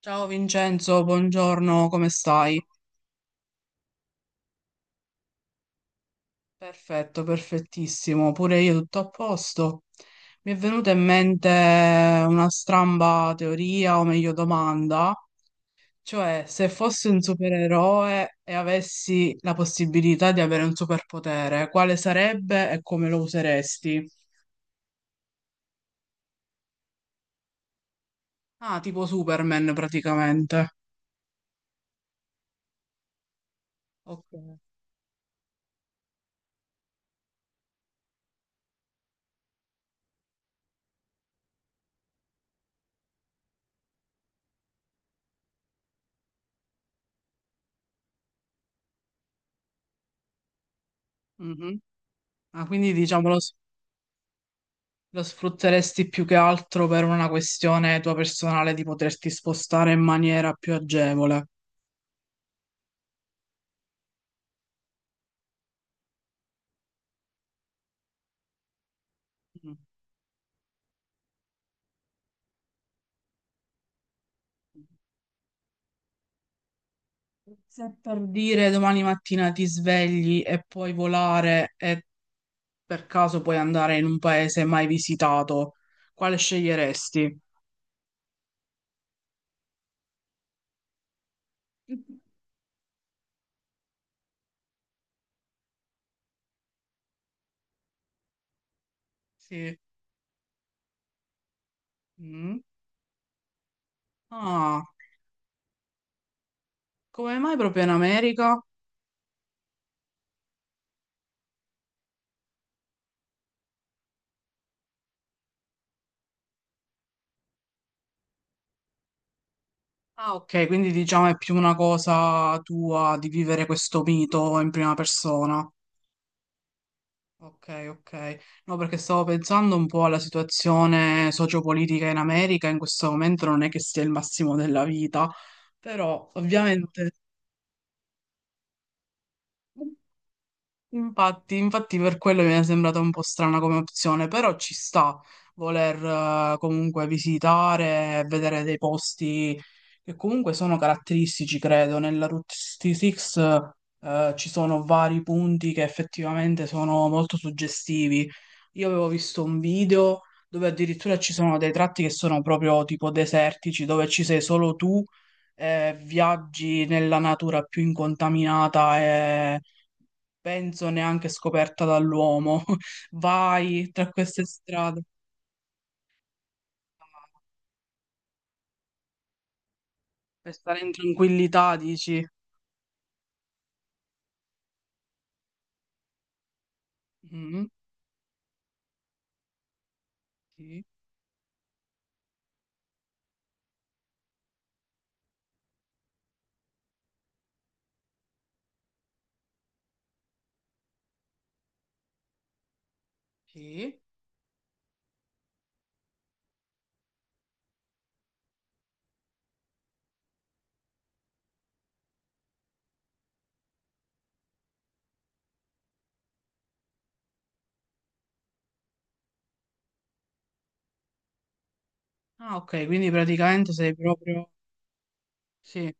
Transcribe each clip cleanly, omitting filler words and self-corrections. Ciao Vincenzo, buongiorno, come stai? Perfetto, perfettissimo, pure io tutto a posto. Mi è venuta in mente una stramba teoria, o meglio domanda, cioè se fossi un supereroe e avessi la possibilità di avere un superpotere, quale sarebbe e come lo useresti? Ah, tipo Superman praticamente. Ok. Mhm. Ah, quindi diciamolo. Lo sfrutteresti più che altro per una questione tua personale di poterti spostare in maniera più agevole. Mm. Se per dire domani mattina ti svegli e puoi volare e per caso puoi andare in un paese mai visitato, quale sceglieresti? Sì. Mm. Ah, come mai proprio in America? Ah, ok, quindi diciamo è più una cosa tua di vivere questo mito in prima persona. Ok, ok. No, perché stavo pensando un po' alla situazione sociopolitica in America, in questo momento non è che sia il massimo della vita, però ovviamente... Infatti, infatti per quello mi è sembrata un po' strana come opzione, però ci sta voler comunque visitare, vedere dei posti che comunque sono caratteristici, credo. Nella Route 66 ci sono vari punti che effettivamente sono molto suggestivi. Io avevo visto un video dove addirittura ci sono dei tratti che sono proprio tipo desertici, dove ci sei solo tu, viaggi nella natura più incontaminata e penso neanche scoperta dall'uomo. Vai tra queste strade per stare in tranquillità, dici. Mm, sì, sì. Ah, ok, quindi praticamente sei proprio... Sì.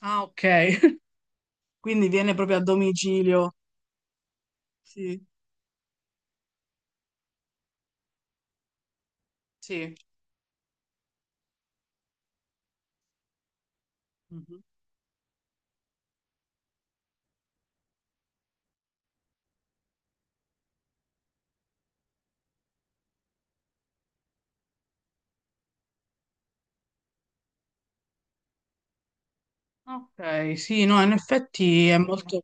Ah, ok. Quindi viene proprio a domicilio. Sì, sì. Mhm. Ok, sì, no, in effetti è molto...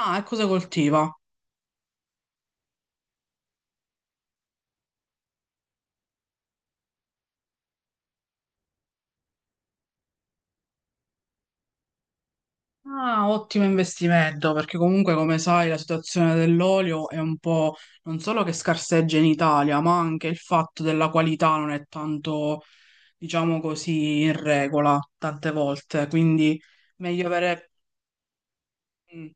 Ah, e cosa coltiva? Ah, ottimo investimento, perché comunque come sai la situazione dell'olio è un po' non solo che scarseggia in Italia, ma anche il fatto della qualità non è tanto, diciamo così, in regola tante volte, quindi meglio avere mm, un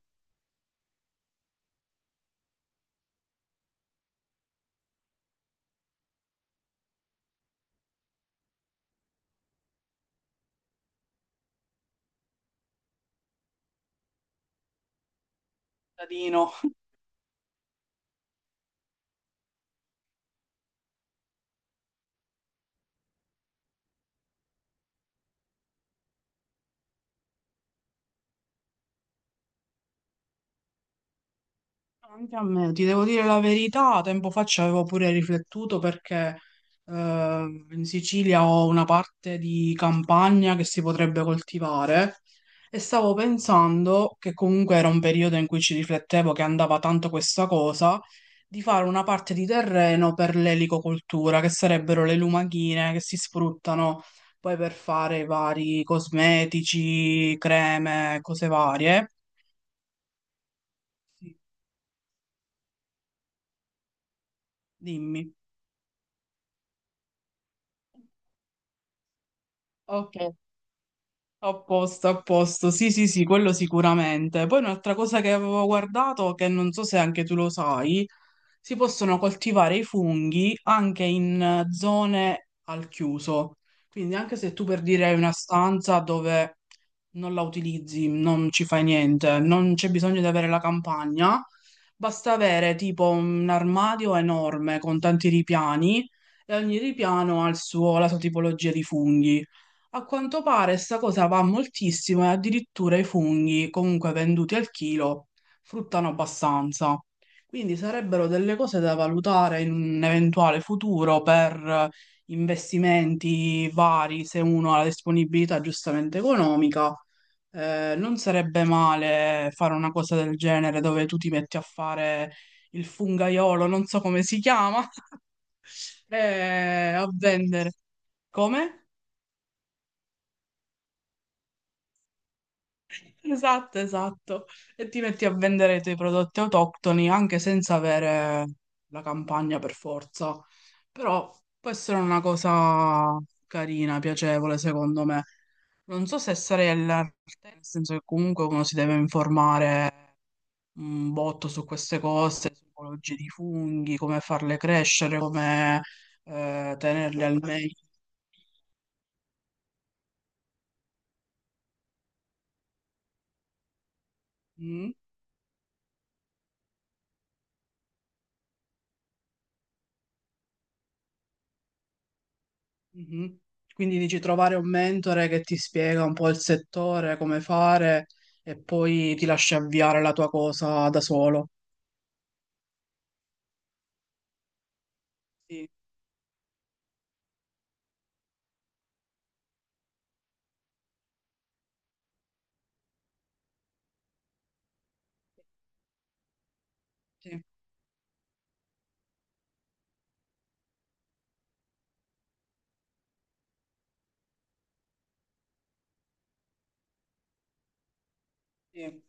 cittadino. Anche a me, ti devo dire la verità, tempo fa ci avevo pure riflettuto perché eh, in Sicilia ho una parte di campagna che si potrebbe coltivare e stavo pensando, che comunque era un periodo in cui ci riflettevo che andava tanto questa cosa, di fare una parte di terreno per l'elicocoltura, che sarebbero le lumachine che si sfruttano poi per fare i vari cosmetici, creme, cose varie. Sì. Dimmi. Ok. A posto, sì, sì, sì, quello sicuramente. Poi un'altra cosa che avevo guardato, che non so se anche tu lo sai, si possono coltivare i funghi anche in zone al chiuso. Quindi anche se tu per dire hai una stanza dove non la utilizzi, non ci fai niente, non c'è bisogno di avere la campagna, basta avere tipo un armadio enorme con tanti ripiani e ogni ripiano ha la sua tipologia di funghi. A quanto pare sta cosa va moltissimo e addirittura i funghi, comunque venduti al chilo, fruttano abbastanza. Quindi sarebbero delle cose da valutare in un eventuale futuro per investimenti vari, se uno ha la disponibilità giustamente economica. Non sarebbe male fare una cosa del genere dove tu ti metti a fare il fungaiolo, non so come si chiama, a vendere. Come? Esatto, esatto. E ti metti a vendere i tuoi prodotti autoctoni anche senza avere la campagna per forza. Però può essere una cosa carina, piacevole, secondo me. Non so se sarei all'arte, nel senso che comunque uno si deve informare un botto su queste cose, su tipologie di funghi, come farle crescere, come tenerle al meglio. Mm? Mhm. Quindi dici trovare un mentore che ti spiega un po' il settore, come fare e poi ti lascia avviare la tua cosa da solo. Sì, sì, sì.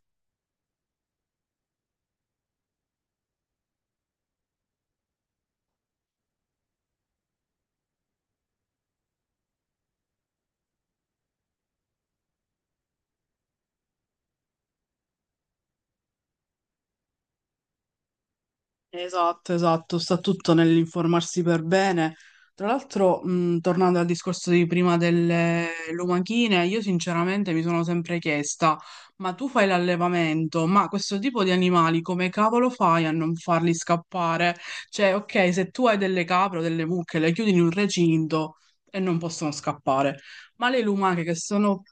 Esatto, esatto, sta tutto nell'informarsi per bene. Tra l'altro, tornando al discorso di prima delle lumachine, io sinceramente mi sono sempre chiesta, ma tu fai l'allevamento, ma questo tipo di animali come cavolo fai a non farli scappare? Cioè, ok, se tu hai delle capre o delle mucche, le chiudi in un recinto e non possono scappare, ma le lumache che sono...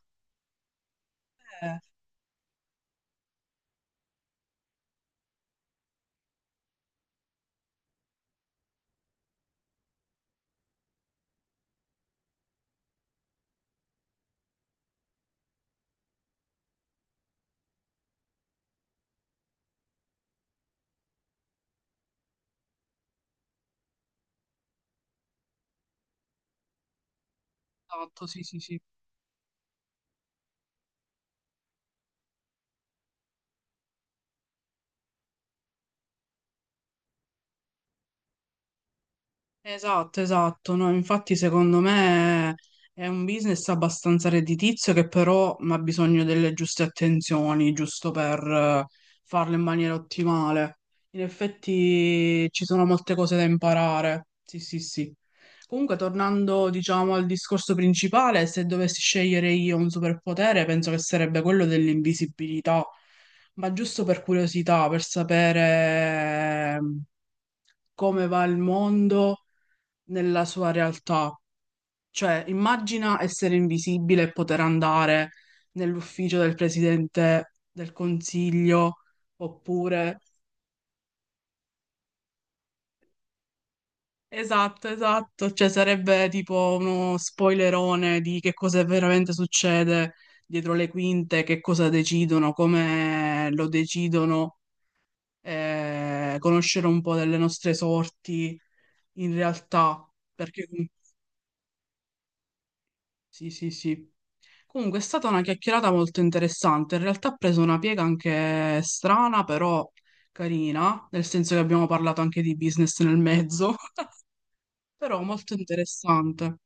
Eh, esatto, sì, sì, sì. Esatto, esatto. No, infatti, secondo me è un business abbastanza redditizio che però ha bisogno delle giuste attenzioni, giusto per farlo in maniera ottimale. In effetti ci sono molte cose da imparare. Sì, sì, sì. Comunque, tornando, diciamo, al discorso principale, se dovessi scegliere io un superpotere, penso che sarebbe quello dell'invisibilità. Ma giusto per curiosità, per sapere come va il mondo nella sua realtà. Cioè, immagina essere invisibile e poter andare nell'ufficio del presidente del consiglio, oppure... Esatto, esatto, cioè sarebbe tipo uno spoilerone di che cosa veramente succede dietro le quinte, che cosa decidono, come lo decidono, conoscere un po' delle nostre sorti in realtà, perché sì, sì, sì. Comunque è stata una chiacchierata molto interessante. In realtà ha preso una piega anche strana, però carina, nel senso che abbiamo parlato anche di business nel mezzo, però molto interessante.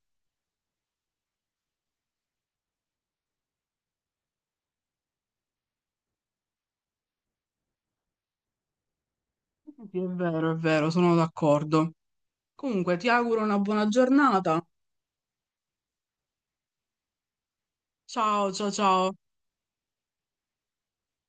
Sì, è vero, sono d'accordo. Comunque ti auguro una buona giornata. Ciao, ciao, ciao.